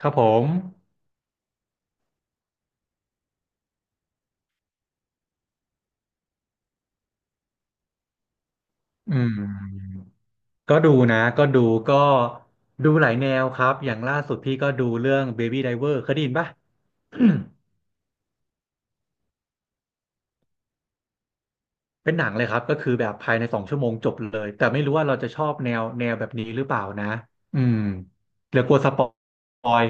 ครับผมอืมก็ดูนะก็ดูหลายแนวครับ อย่างล่าสุดพี่ก็ดูเรื่อง Baby Driver เคยได้ยินป่ะ เป็นหนังเลยครับก็คือแบบภายในสองชั่วโมงจบเลย แต่ไม่รู้ว่าเราจะชอบแนวแบบนี้หรือเปล่านะอืมเดี๋ยวกลัวสปอย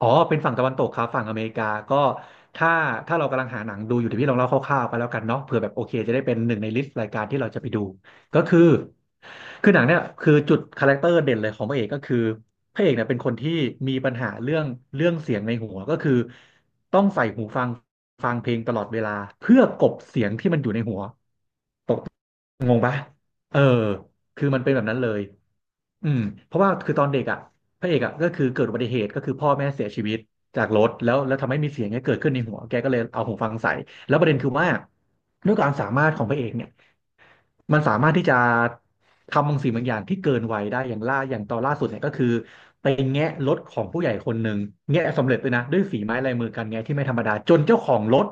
อ๋อเป็นฝั่งตะวันตกครับฝั่งอเมริกาก็ถ้าถ้าเรากำลังหาหนังดูอยู่เดี๋ยวพี่ลองเล่าคร่าวๆไปแล้วกันเนาะเผื่อแบบโอเคจะได้เป็นหนึ่งในลิสต์รายการที่เราจะไปดูก็คือคือหนังเนี่ยคือจุดคาแรคเตอร์เด่นเลยของพระเอกก็คือพระเอกเนี่ยเป็นคนที่มีปัญหาเรื่องเสียงในหัวก็คือต้องใส่หูฟังฟังเพลงตลอดเวลาเพื่อกลบเสียงที่มันอยู่ในหัว งงปะเออคือมันเป็นแบบนั้นเลยอืมเพราะว่าคือตอนเด็กอ่ะพระเอกอ่ะก็คือเกิดอุบัติเหตุก็คือพ่อแม่เสียชีวิตจากรถแล้วทำให้มีเสียงเนี้ยเกิดขึ้นในหัวแกก็เลยเอาหูฟังใส่แล้วประเด็นคือว่าด้วยความสามารถของพระเอกเนี่ยมันสามารถที่จะทำบางสิ่งบางอย่างที่เกินวัยได้อย่างล่าอย่างตอนล่าสุดเนี่ยก็คือไปแงะรถของผู้ใหญ่คนหนึ่งแงะสำเร็จเลยนะด้วยฝีไม้ลายมือการแงะที่ไม่ธรรมดาจนเจ้าของรถ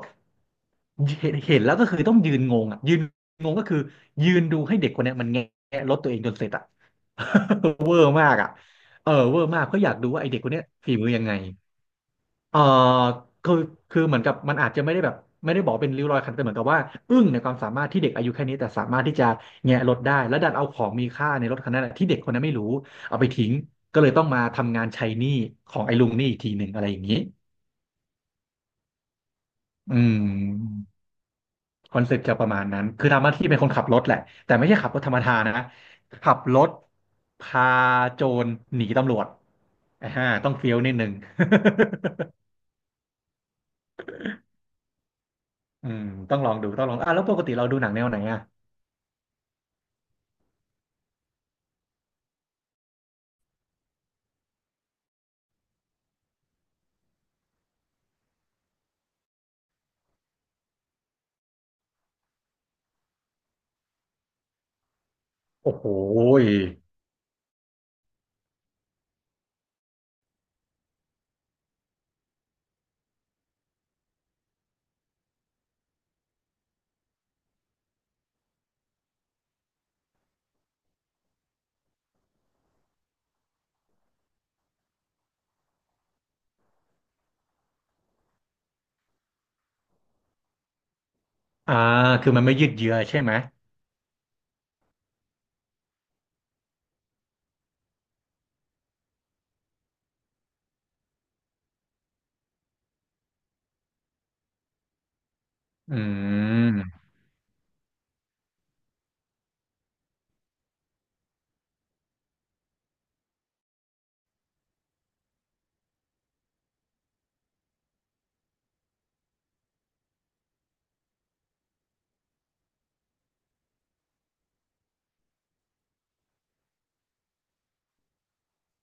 เห็นแล้วก็คือต้องยืนงงอ่ะยืน งงก็คือยืนดูให้เด็กคนเนี้ยมันแงะรถตัวเองจนเสร็จอะ เวอร์มากอะเออเวอร์มากเพราะอยากดูว่าไอเด็กคนเนี้ยฝีมือยังไงเออคือคือเหมือนกับมันอาจจะไม่ได้แบบไม่ได้บอกเป็นริ้วรอยคันแต่เหมือนกับว่าอึ้งในความสามารถที่เด็กอายุแค่นี้แต่สามารถที่จะแงะรถได้แล้วดันเอาของมีค่าในรถคันนั้นนะที่เด็กคนนั้นไม่รู้เอาไปทิ้งก็เลยต้องมาทำงานใช้หนี้ของไอ้ลุงนี่อีกทีหนึ่งอะไรอย่างนี้อืม คอนเซ็ปต์จะประมาณนั้น คือทำหน้าที่เป็นคนขับรถแหละ แต่ไม่ใช่ขับรถธรรมดานะ ขับรถพาโจรหนีตำรวจอ่าต้องเฟี้ยวนิดนึง อืมต้องลองดู ต้องลองอ่ะแล้วปกติเราดูหนังแนวไหนอ่ะโอ้โหยอ่าคือมันไม่ยืดเยื้อใช่ไหมอืม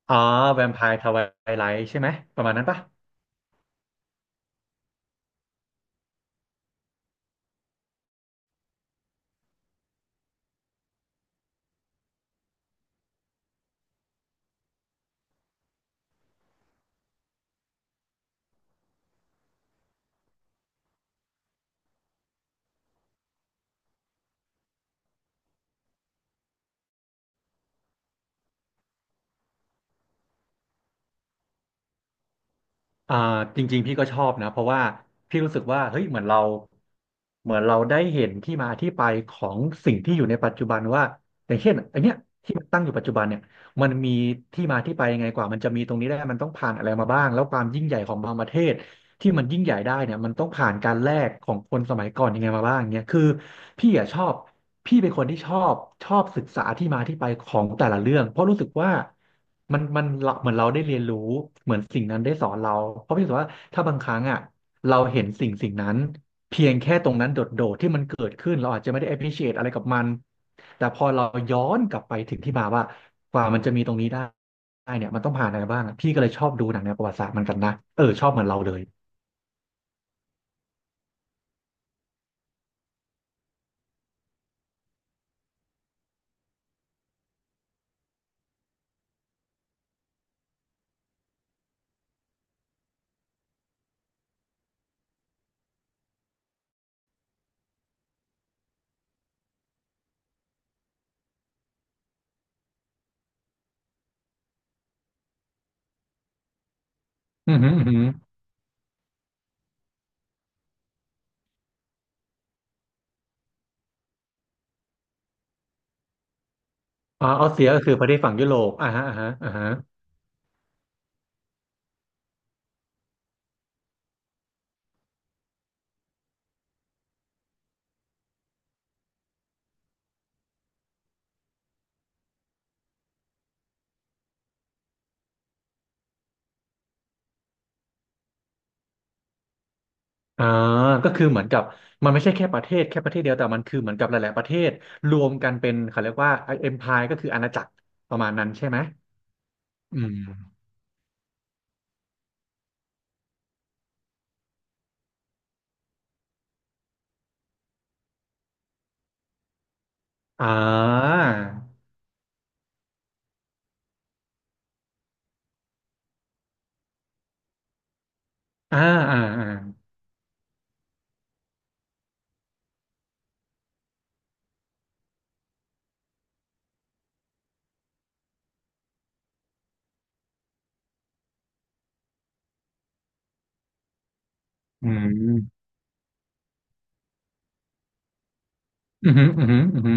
อ๋อ แวมไพร์ทไวไลท์ใช่ไหม ประมาณนั้นปะ อ่าจริงๆพี่ก็ชอบนะเพราะว่าพี่รู้สึกว่าเฮ้ยเหมือนเราได้เห็นที่มาที่ไปของสิ่งที่อยู่ในปัจจุบันว่าอย่างเช่นไอเนี้ยที่มันตั้งอยู่ปัจจุบันเนี่ยมันมีที่มาที่ไปยังไงกว่ามันจะมีตรงนี้ได้มันต้องผ่านอะไรมาบ้างแล้วความยิ่งใหญ่ของบางประเทศที่มันยิ่งใหญ่ได้เนี่ยมันต้องผ่านการแลกของคนสมัยก่อนยังไงมาบ้างเนี่ยคือพี่อะชอบ พี่เป็นคนที่ชอบศึกษาที่มาที่ไปของแต่ละเรื่องเพราะรู้สึกว่ามันเราเหมือนเราได้เรียนรู้เหมือนสิ่งนั้นได้สอนเราเพราะพี่รู้สึกว่าถ้าบางครั้งอ่ะเราเห็นสิ่งนั้นเพียงแค่ตรงนั้นโดดๆที่มันเกิดขึ้นเราอาจจะไม่ได้ appreciate อะไรกับมันแต่พอเราย้อนกลับไปถึงที่มาว่ากว่ามันจะมีตรงนี้ได้เนี่ยมันต้องผ่านอะไรบ้างอะพี่ก็เลยชอบดูหนังแนวประวัติศาสตร์เหมันกันนะเออชอบเหมือนเราเลยอือหืออือหืออ๋อออสเซียก็คือประเทศฝั่งยุโรปอ่าฮะอ่าฮะอ่าฮะ อ่าก็คือเหมือนกับมันไม่ใช่แค่ประเทศเดียวแต่มันคือเหมือนกับหลายๆประเทศรวมกันเป็นเขาเรียกว่าเอ็มพายก็คืออาณาจักรประมาณนั้นใช่ไหมอืมอ่าอ่าอ่าอ่าอืมอืมอืมอืม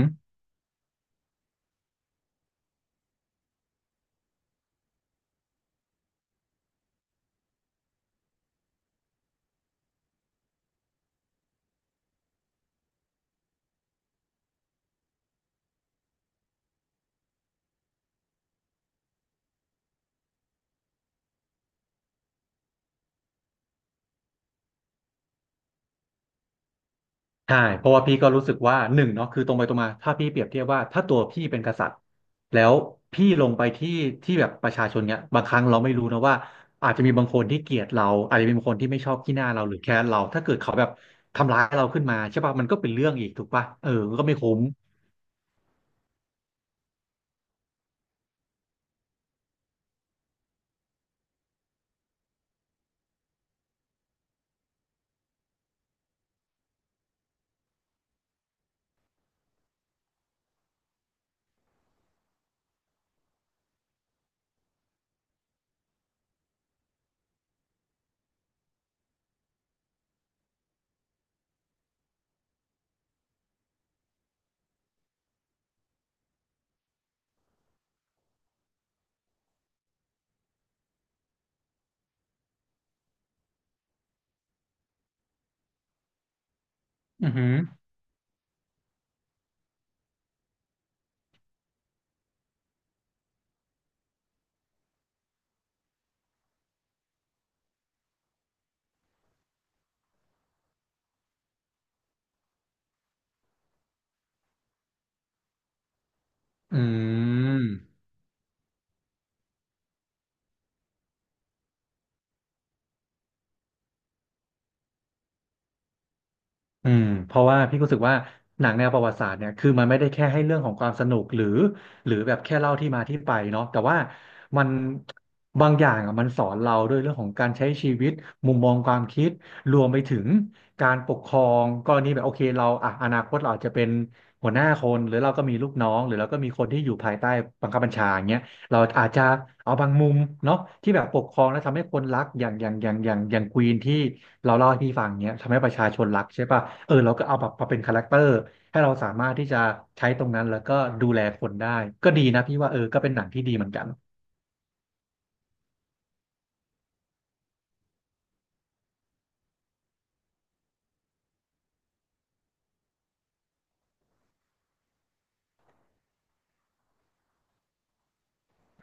ใช่เพราะว่าพี่ก็รู้สึกว่าหนึ่งเนาะคือตรงไปตรงมาถ้าพี่เปรียบเทียบว่าถ้าตัวพี่เป็นกษัตริย์แล้วพี่ลงไปที่แบบประชาชนเนี่ยบางครั้งเราไม่รู้นะว่าอาจจะมีบางคนที่เกลียดเราอาจจะมีบางคนที่ไม่ชอบขี้หน้าเราหรือแค้นเราถ้าเกิดเขาแบบทำร้ายเราขึ้นมาใช่ป่ะมันก็เป็นเรื่องอีกถูกป่ะเออมันก็ไม่คุ้มอือหืออืม อืมเพราะว่าพี่ก็รู้สึกว่าหนังแนวประวัติศาสตร์เนี่ยคือมันไม่ได้แค่ให้เรื่องของความสนุกหรือหรือแบบแค่เล่าที่มาที่ไปเนาะแต่ว่ามันบางอย่างอ่ะมันสอนเราด้วยเรื่องของการใช้ชีวิตมุมมองความคิดรวมไปถึงการปกครองกรณีแบบโอเคเราอ่ะอนาคตเราอาจจะเป็นหัวหน้าคนหรือเราก็มีลูกน้องหรือเราก็มีคนที่อยู่ภายใต้บังคับบัญชาอย่างเงี้ย เราอาจจะเอาบางมุมเนาะที่แบบปกครองแล้วทำให้คนรักอย่างอย่างอย่างอย่างอย่างควีนที่เราเล่าให้พี่ฟังเนี้ยทำให้ประชาชนรักใช่ป่ะเออเราก็เอาแบบมาเป็นคาแรคเตอร์ให้เราสามารถที่จะใช้ตรงนั้นแล้วก็ดูแลคนได้ก็ดีนะพี่ว่าเออก็เป็นหนังที่ดีเหมือนกัน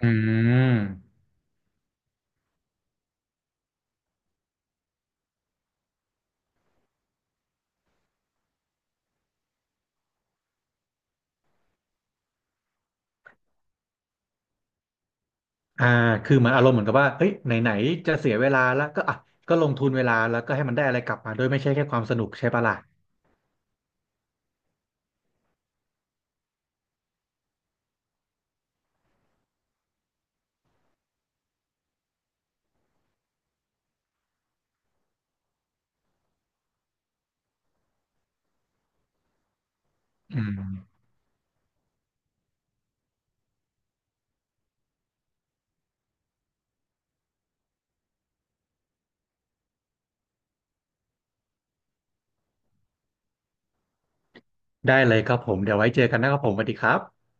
อืมอ่าคือมันอารมณ์เหมือนกับว่าเฮ้ยไหนๆจะเสียเวลาแล้วก็อ่ะก็ลงทุนเวลาแล้วก็ให้มันได้อะไรกลับมาโดยไม่ใช่แค่ความสนุกใช่ปะล่ะอืมได้เลยครับผมเดี๋ยวไว้เจอกันนะครับผมสวัสดีครับ